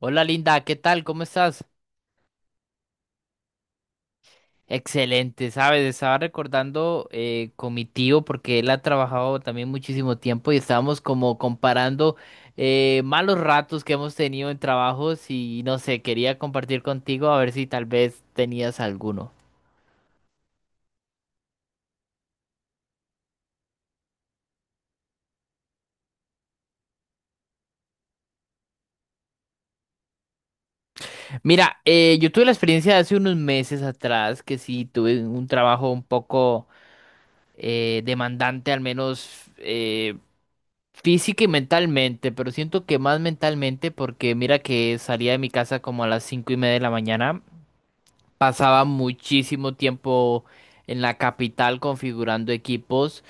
Hola Linda, ¿qué tal? ¿Cómo estás? Excelente, sabes, estaba recordando con mi tío porque él ha trabajado también muchísimo tiempo y estábamos como comparando malos ratos que hemos tenido en trabajos y no sé, quería compartir contigo a ver si tal vez tenías alguno. Mira, yo tuve la experiencia de hace unos meses atrás que sí tuve un trabajo un poco demandante, al menos física y mentalmente, pero siento que más mentalmente porque mira que salía de mi casa como a las 5:30 de la mañana, pasaba muchísimo tiempo en la capital configurando equipos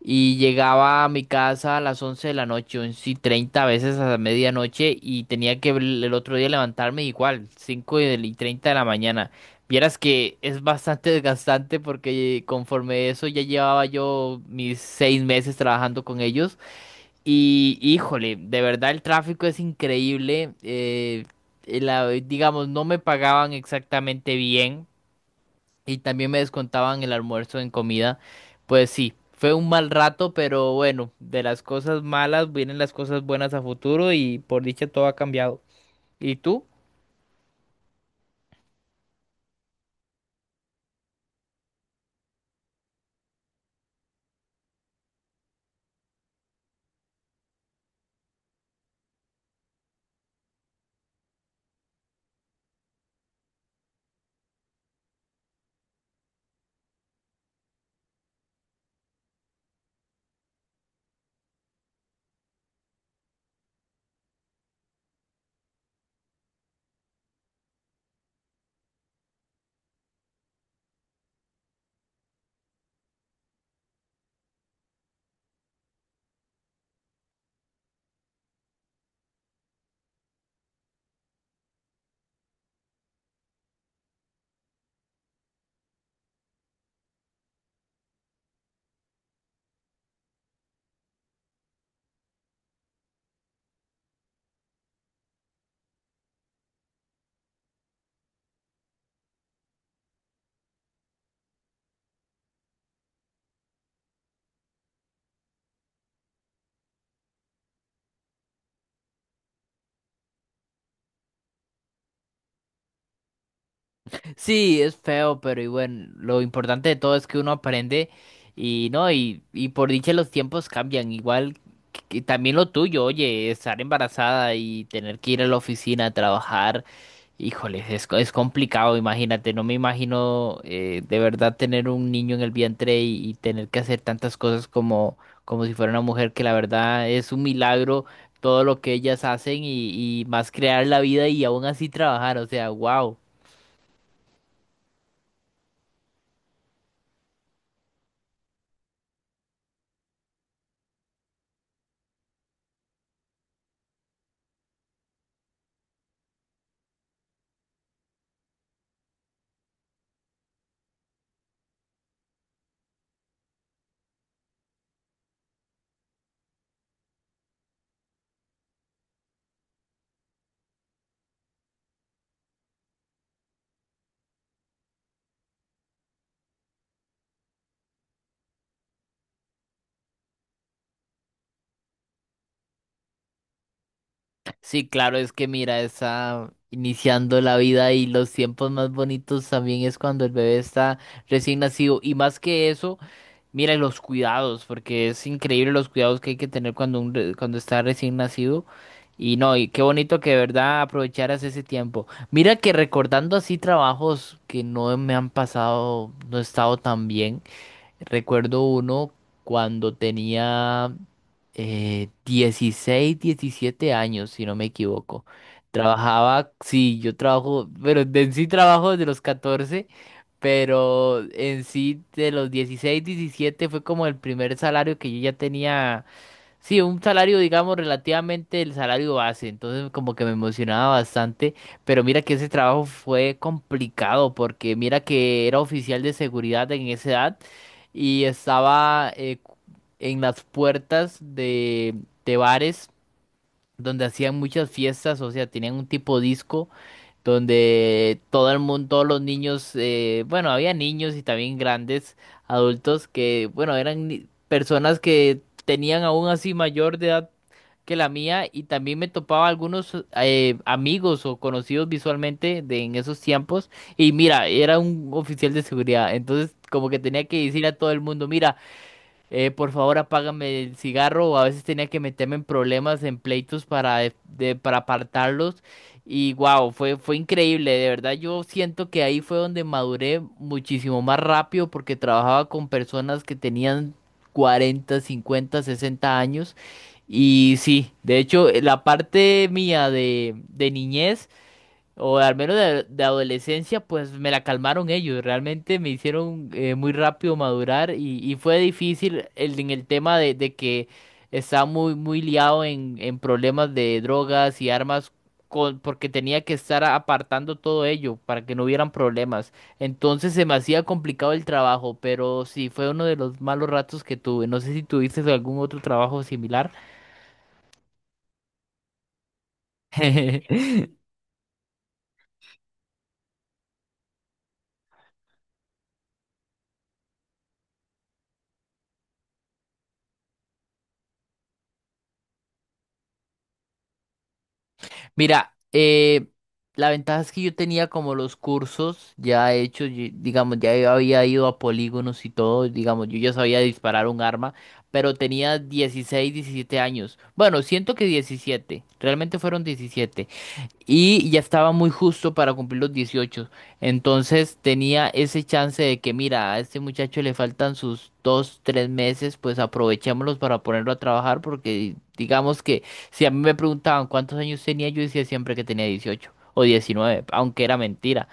y llegaba a mi casa a las 11 de la noche, 11:30, a veces a la medianoche, y tenía que el otro día levantarme igual, cinco y treinta de la mañana. Vieras que es bastante desgastante porque conforme eso ya llevaba yo mis 6 meses trabajando con ellos. Y híjole, de verdad el tráfico es increíble. Digamos, no me pagaban exactamente bien y también me descontaban el almuerzo en comida. Pues sí, fue un mal rato, pero bueno, de las cosas malas vienen las cosas buenas a futuro y por dicha todo ha cambiado. ¿Y tú? Sí, es feo, pero y bueno, lo importante de todo es que uno aprende y no, y por dicha los tiempos cambian, igual que también lo tuyo, oye, estar embarazada y tener que ir a la oficina a trabajar, híjole, es, es complicado, imagínate, no me imagino, de verdad tener un niño en el vientre y tener que hacer tantas cosas como, como si fuera una mujer, que la verdad es un milagro todo lo que ellas hacen y más crear la vida y aún así trabajar, o sea, wow. Sí, claro, es que mira, está iniciando la vida y los tiempos más bonitos también es cuando el bebé está recién nacido. Y más que eso, mira los cuidados, porque es increíble los cuidados que hay que tener cuando, cuando está recién nacido. Y no, y qué bonito que de verdad aprovecharas ese tiempo. Mira que recordando así trabajos que no me han pasado, no he estado tan bien. Recuerdo uno cuando tenía 16, 17 años, si no me equivoco. Trabajaba, sí, yo trabajo, pero en sí trabajo desde los 14, pero en sí de los 16, 17 fue como el primer salario que yo ya tenía. Sí, un salario, digamos, relativamente el salario base, entonces como que me emocionaba bastante, pero mira que ese trabajo fue complicado porque mira que era oficial de seguridad en esa edad y estaba en las puertas de bares donde hacían muchas fiestas, o sea, tenían un tipo disco donde todo el mundo, todos los niños, bueno, había niños y también grandes adultos que, bueno, eran personas que tenían aún así mayor de edad que la mía, y también me topaba algunos amigos o conocidos visualmente de en esos tiempos. Y mira, era un oficial de seguridad, entonces como que tenía que decir a todo el mundo, mira, por favor apágame el cigarro, o a veces tenía que meterme en problemas, en pleitos para, para apartarlos. Y wow, fue, fue increíble, de verdad yo siento que ahí fue donde maduré muchísimo más rápido porque trabajaba con personas que tenían 40, 50, 60 años. Y sí, de hecho la parte mía de niñez o al menos de adolescencia, pues me la calmaron ellos. Realmente me hicieron muy rápido madurar y fue difícil el, en el tema de que estaba muy, muy liado en problemas de drogas y armas, porque tenía que estar apartando todo ello para que no hubieran problemas. Entonces se me hacía complicado el trabajo, pero sí fue uno de los malos ratos que tuve. No sé si tuviste algún otro trabajo similar. Mira, la ventaja es que yo tenía como los cursos ya hechos, digamos, ya había ido a polígonos y todo, digamos, yo ya sabía disparar un arma, pero tenía 16, 17 años. Bueno, siento que 17, realmente fueron 17. Y ya estaba muy justo para cumplir los 18. Entonces tenía ese chance de que, mira, a este muchacho le faltan sus 2, 3 meses, pues aprovechémoslos para ponerlo a trabajar, porque digamos que si a mí me preguntaban cuántos años tenía, yo decía siempre que tenía 18 o 19 aunque era mentira.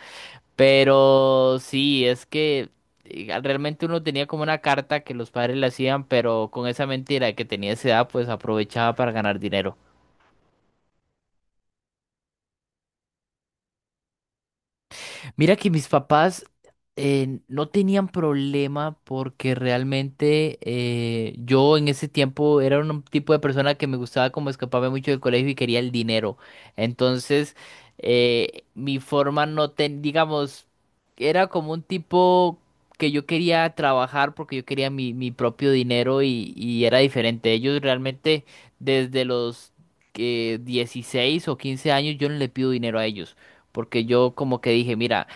Pero sí, es que realmente uno tenía como una carta que los padres le hacían, pero con esa mentira de que tenía esa edad, pues aprovechaba para ganar dinero. Mira que mis papás no tenían problema porque realmente yo en ese tiempo era un tipo de persona que me gustaba como escaparme mucho del colegio y quería el dinero. Entonces, mi forma no ten, digamos, era como un tipo que yo quería trabajar porque yo quería mi, mi propio dinero y era diferente. Ellos realmente desde los 16 o 15 años yo no le pido dinero a ellos porque yo como que dije, mira,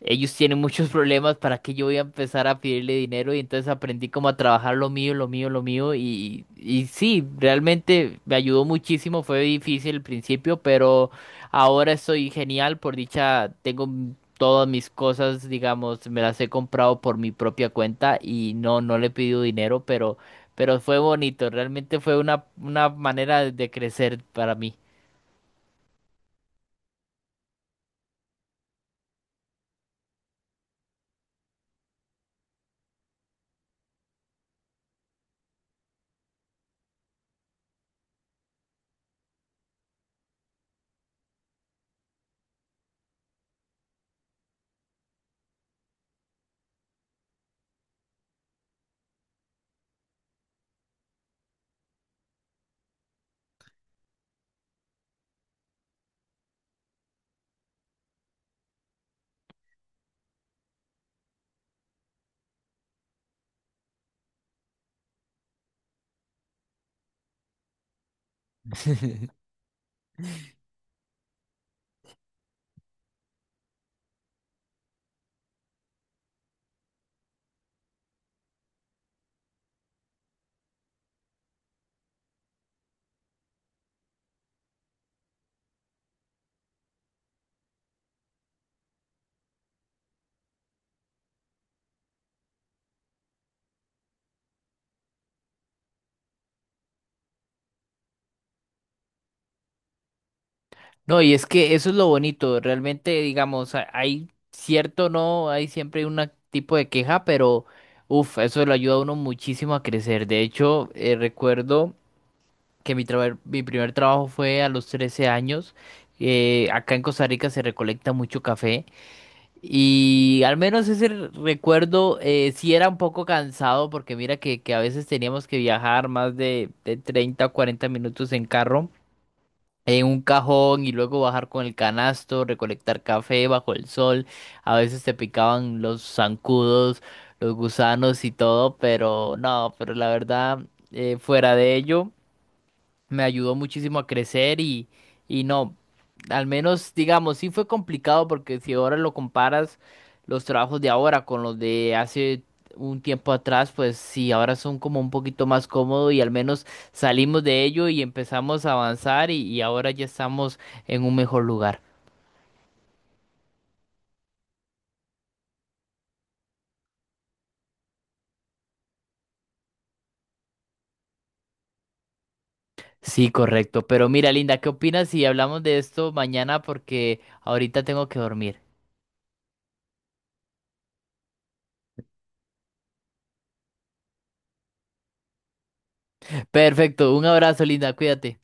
ellos tienen muchos problemas para que yo voy a empezar a pedirle dinero, y entonces aprendí como a trabajar lo mío, lo mío, lo mío, y sí, realmente me ayudó muchísimo, fue difícil al principio, pero ahora estoy genial, por dicha tengo todas mis cosas, digamos, me las he comprado por mi propia cuenta y no, no le he pedido dinero, pero fue bonito, realmente fue una manera de crecer para mí. No, y es que eso es lo bonito, realmente, digamos, hay cierto no, hay siempre un tipo de queja, pero uff, eso le ayuda a uno muchísimo a crecer. De hecho, recuerdo que mi, mi primer trabajo fue a los 13 años. Eh, acá en Costa Rica se recolecta mucho café y al menos ese recuerdo, sí era un poco cansado porque mira que a veces teníamos que viajar más de 30 o 40 minutos en carro en un cajón y luego bajar con el canasto, recolectar café bajo el sol. A veces te picaban los zancudos, los gusanos y todo, pero no, pero la verdad, fuera de ello me ayudó muchísimo a crecer y no, al menos digamos, sí fue complicado porque si ahora lo comparas los trabajos de ahora con los de hace un tiempo atrás, pues sí, ahora son como un poquito más cómodos y al menos salimos de ello y empezamos a avanzar y ahora ya estamos en un mejor lugar. Sí, correcto. Pero mira, Linda, ¿qué opinas si hablamos de esto mañana? Porque ahorita tengo que dormir. Perfecto, un abrazo, Linda, cuídate.